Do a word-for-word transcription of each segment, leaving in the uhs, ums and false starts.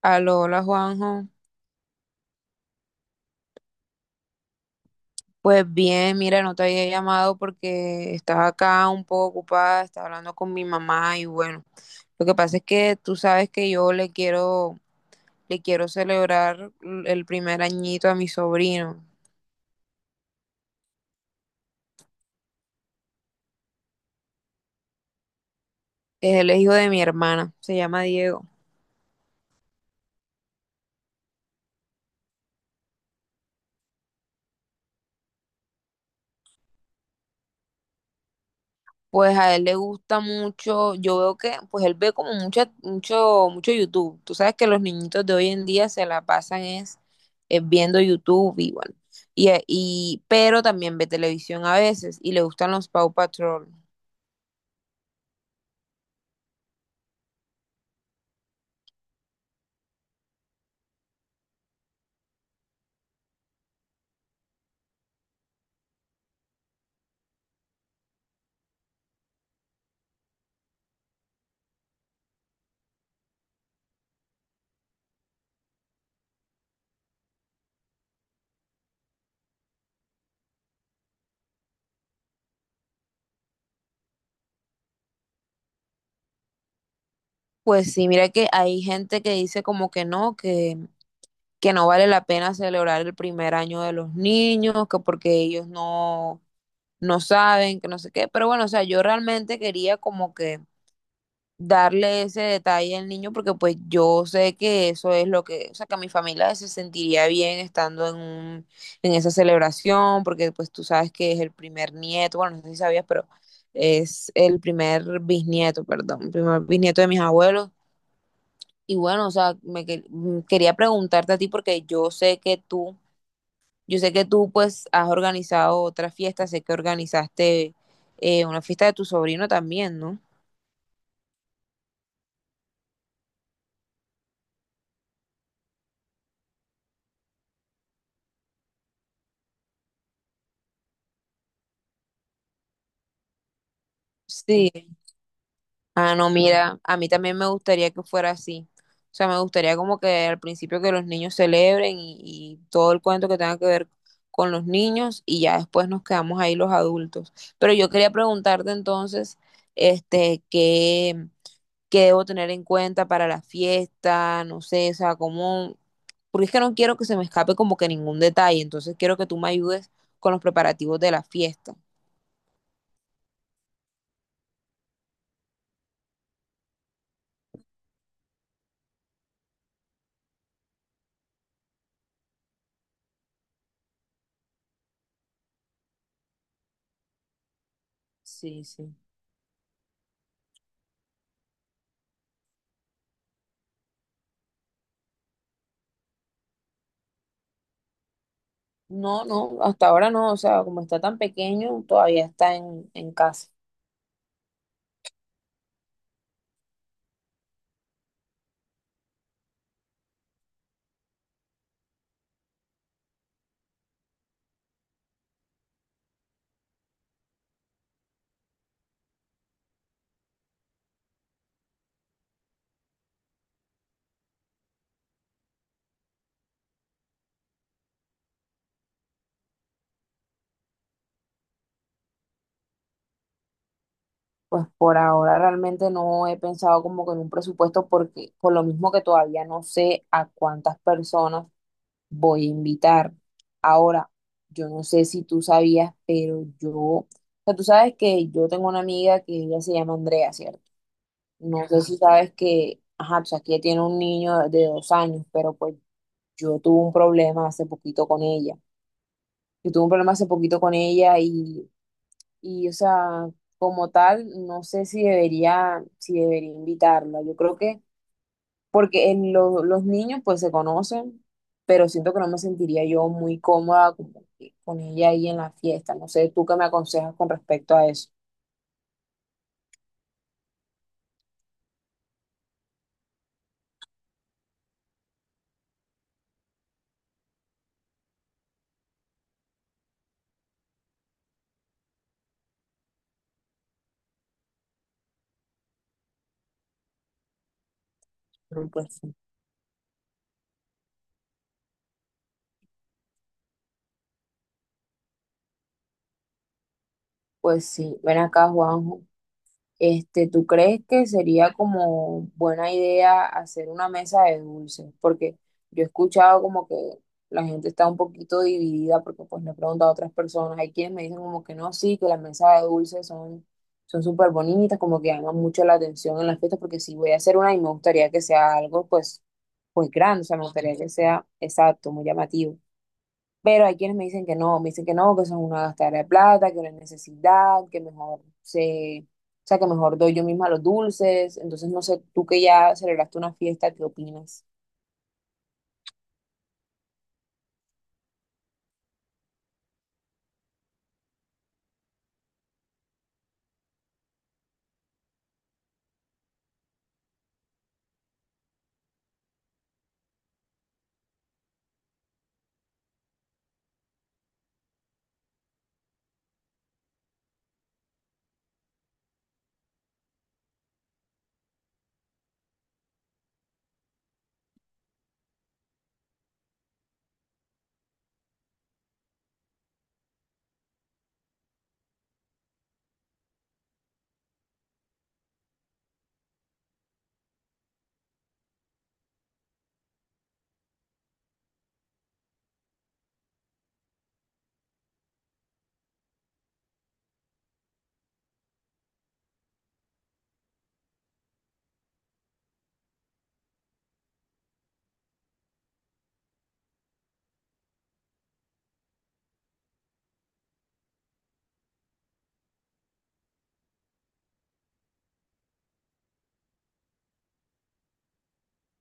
Aló, hola Juanjo. Pues bien, mira, no te había llamado porque estaba acá un poco ocupada, estaba hablando con mi mamá y bueno, lo que pasa es que tú sabes que yo le quiero, le quiero celebrar l- el primer añito a mi sobrino. Es el hijo de mi hermana, se llama Diego. Pues a él le gusta mucho, yo veo que, pues él ve como mucha, mucho, mucho YouTube. Tú sabes que los niñitos de hoy en día se la pasan es eh, viendo YouTube y bueno. Y, eh, y, pero también ve televisión a veces y le gustan los Paw Patrol. Pues sí, mira que hay gente que dice como que no, que, que no vale la pena celebrar el primer año de los niños, que porque ellos no, no saben, que no sé qué. Pero bueno, o sea, yo realmente quería como que darle ese detalle al niño porque pues yo sé que eso es lo que, o sea, que a mi familia se sentiría bien estando en un, en esa celebración, porque pues tú sabes que es el primer nieto, bueno, no sé si sabías, pero es el primer bisnieto, perdón, el primer bisnieto de mis abuelos. Y bueno, o sea, me que- mm, quería preguntarte a ti porque yo sé que tú, yo sé que tú pues has organizado otra fiesta, sé que organizaste eh, una fiesta de tu sobrino también, ¿no? Sí. Ah, no, mira, a mí también me gustaría que fuera así. O sea, me gustaría como que al principio que los niños celebren y, y todo el cuento que tenga que ver con los niños y ya después nos quedamos ahí los adultos. Pero yo quería preguntarte entonces, este, qué, qué debo tener en cuenta para la fiesta, no sé, o sea, cómo, porque es que no quiero que se me escape como que ningún detalle, entonces quiero que tú me ayudes con los preparativos de la fiesta. Sí, sí. No, no, hasta ahora no, o sea, como está tan pequeño, todavía está en, en casa. Pues por ahora realmente no he pensado como que en un presupuesto porque por lo mismo que todavía no sé a cuántas personas voy a invitar. Ahora, yo no sé si tú sabías, pero yo, o sea, tú sabes que yo tengo una amiga que ella se llama Andrea, ¿cierto? No sé si sabes que, ajá, o sea, que ella tiene un niño de dos años, pero pues yo tuve un problema hace poquito con ella. Yo tuve un problema hace poquito con ella y, y, o sea, como tal, no sé si debería, si debería invitarla. Yo creo que, porque en lo- los niños pues se conocen, pero siento que no me sentiría yo muy cómoda con, con ella ahí en la fiesta. No sé, ¿tú qué me aconsejas con respecto a eso? Pero, pues, pues sí, ven acá, Juan. Este, ¿tú crees que sería como buena idea hacer una mesa de dulces? Porque yo he escuchado como que la gente está un poquito dividida porque pues le he preguntado a otras personas. Hay quienes me dicen como que no, sí, que las mesas de dulces son son súper bonitas, como que llaman mucho la atención en las fiestas porque si voy a hacer una y me gustaría que sea algo pues pues grande, o sea, me gustaría que sea exacto, muy llamativo. Pero hay quienes me dicen que no, me dicen que no, que eso es una gastadera de plata, que no es necesidad, que mejor se, o sea, que mejor doy yo misma los dulces. Entonces, no sé, tú que ya celebraste una fiesta, ¿qué opinas?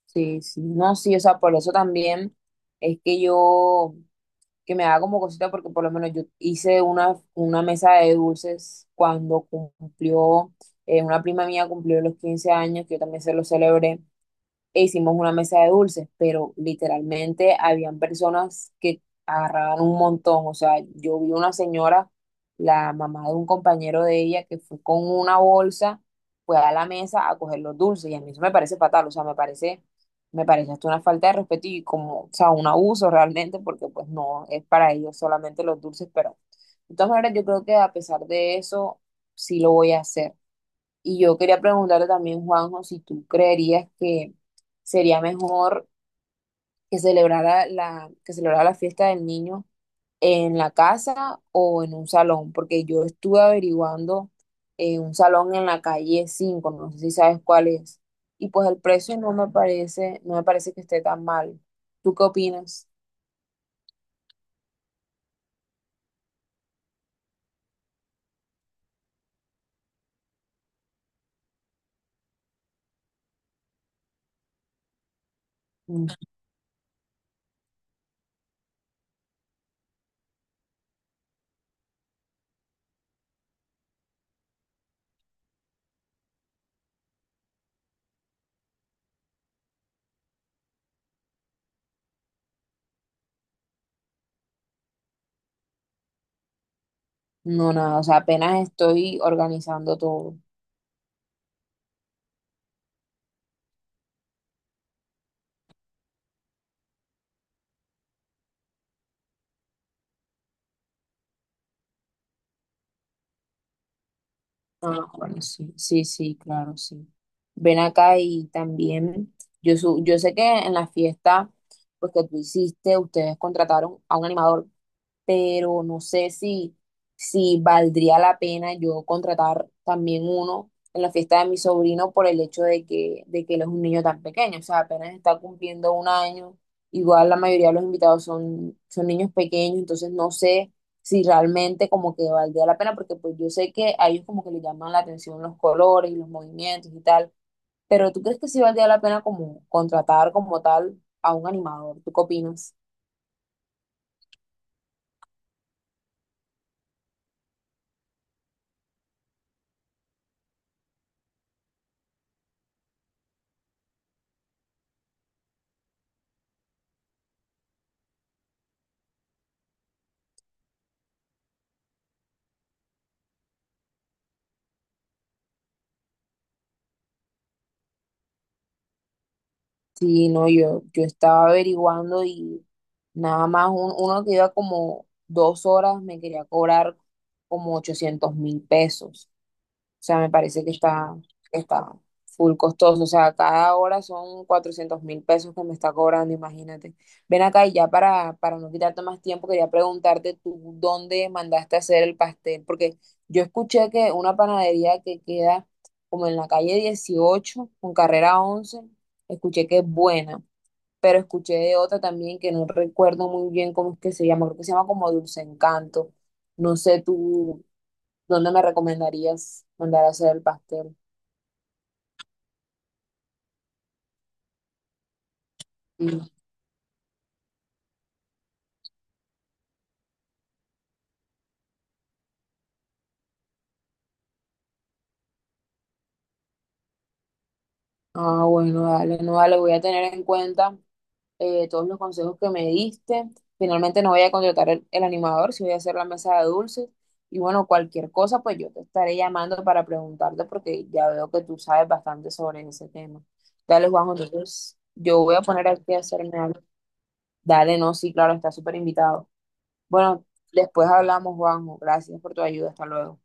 Sí, sí, no, sí, o sea, por eso también es que yo, que me haga como cosita, porque por lo menos yo hice una, una mesa de dulces cuando cumplió, eh, una prima mía cumplió los quince años, que yo también se los celebré. E hicimos una mesa de dulces, pero literalmente habían personas que agarraban un montón. O sea, yo vi una señora, la mamá de un compañero de ella, que fue con una bolsa, fue a la mesa a coger los dulces. Y a mí eso me parece fatal, o sea, me parece, me parece hasta una falta de respeto y como, o sea, un abuso realmente, porque pues no, es para ellos solamente los dulces, pero de todas maneras yo creo que a pesar de eso, sí lo voy a hacer. Y yo quería preguntarle también, Juanjo, si tú creerías que sería mejor que celebrara la, que celebrara la fiesta del niño en la casa o en un salón, porque yo estuve averiguando eh, un salón en la calle cinco, no sé si sabes cuál es. Y pues el precio no me parece, no me parece que esté tan mal. ¿Tú qué opinas? Mm. No, nada, o sea, apenas estoy organizando todo. Ah, bueno, sí, sí, sí, claro, sí. Ven acá y también, yo, su- yo sé que en la fiesta, pues que tú hiciste, ustedes contrataron a un animador, pero no sé si, si valdría la pena yo contratar también uno en la fiesta de mi sobrino por el hecho de que, de que él es un niño tan pequeño, o sea, apenas está cumpliendo un año, igual la mayoría de los invitados son, son niños pequeños, entonces no sé si realmente como que valdría la pena, porque pues yo sé que a ellos como que les llaman la atención los colores y los movimientos y tal, pero ¿tú crees que sí valdría la pena como contratar como tal a un animador? ¿Tú qué opinas? Sí, no, yo, yo estaba averiguando y nada más un- uno que iba como dos horas me quería cobrar como ochocientos mil pesos. O sea, me parece que está, está full costoso. O sea, cada hora son cuatrocientos mil pesos que me está cobrando, imagínate. Ven acá y ya para, para no quitarte más tiempo, quería preguntarte tú dónde mandaste a hacer el pastel, porque yo escuché que una panadería que queda como en la calle dieciocho con carrera once, escuché que es buena, pero escuché de otra también que no recuerdo muy bien cómo es que se llama, creo que se llama como Dulce Encanto. No sé tú. ¿Dónde me recomendarías mandar a hacer el pastel? Mm. Ah, bueno, dale, no, dale, voy a tener en cuenta eh, todos los consejos que me diste. Finalmente no voy a contratar el, el animador, sí voy a hacer la mesa de dulces. Y bueno, cualquier cosa, pues yo te estaré llamando para preguntarte porque ya veo que tú sabes bastante sobre ese tema. Dale, Juanjo, entonces yo voy a poner aquí a hacerme algo. Dale, no, sí, claro, está súper invitado. Bueno, después hablamos, Juanjo. Gracias por tu ayuda. Hasta luego.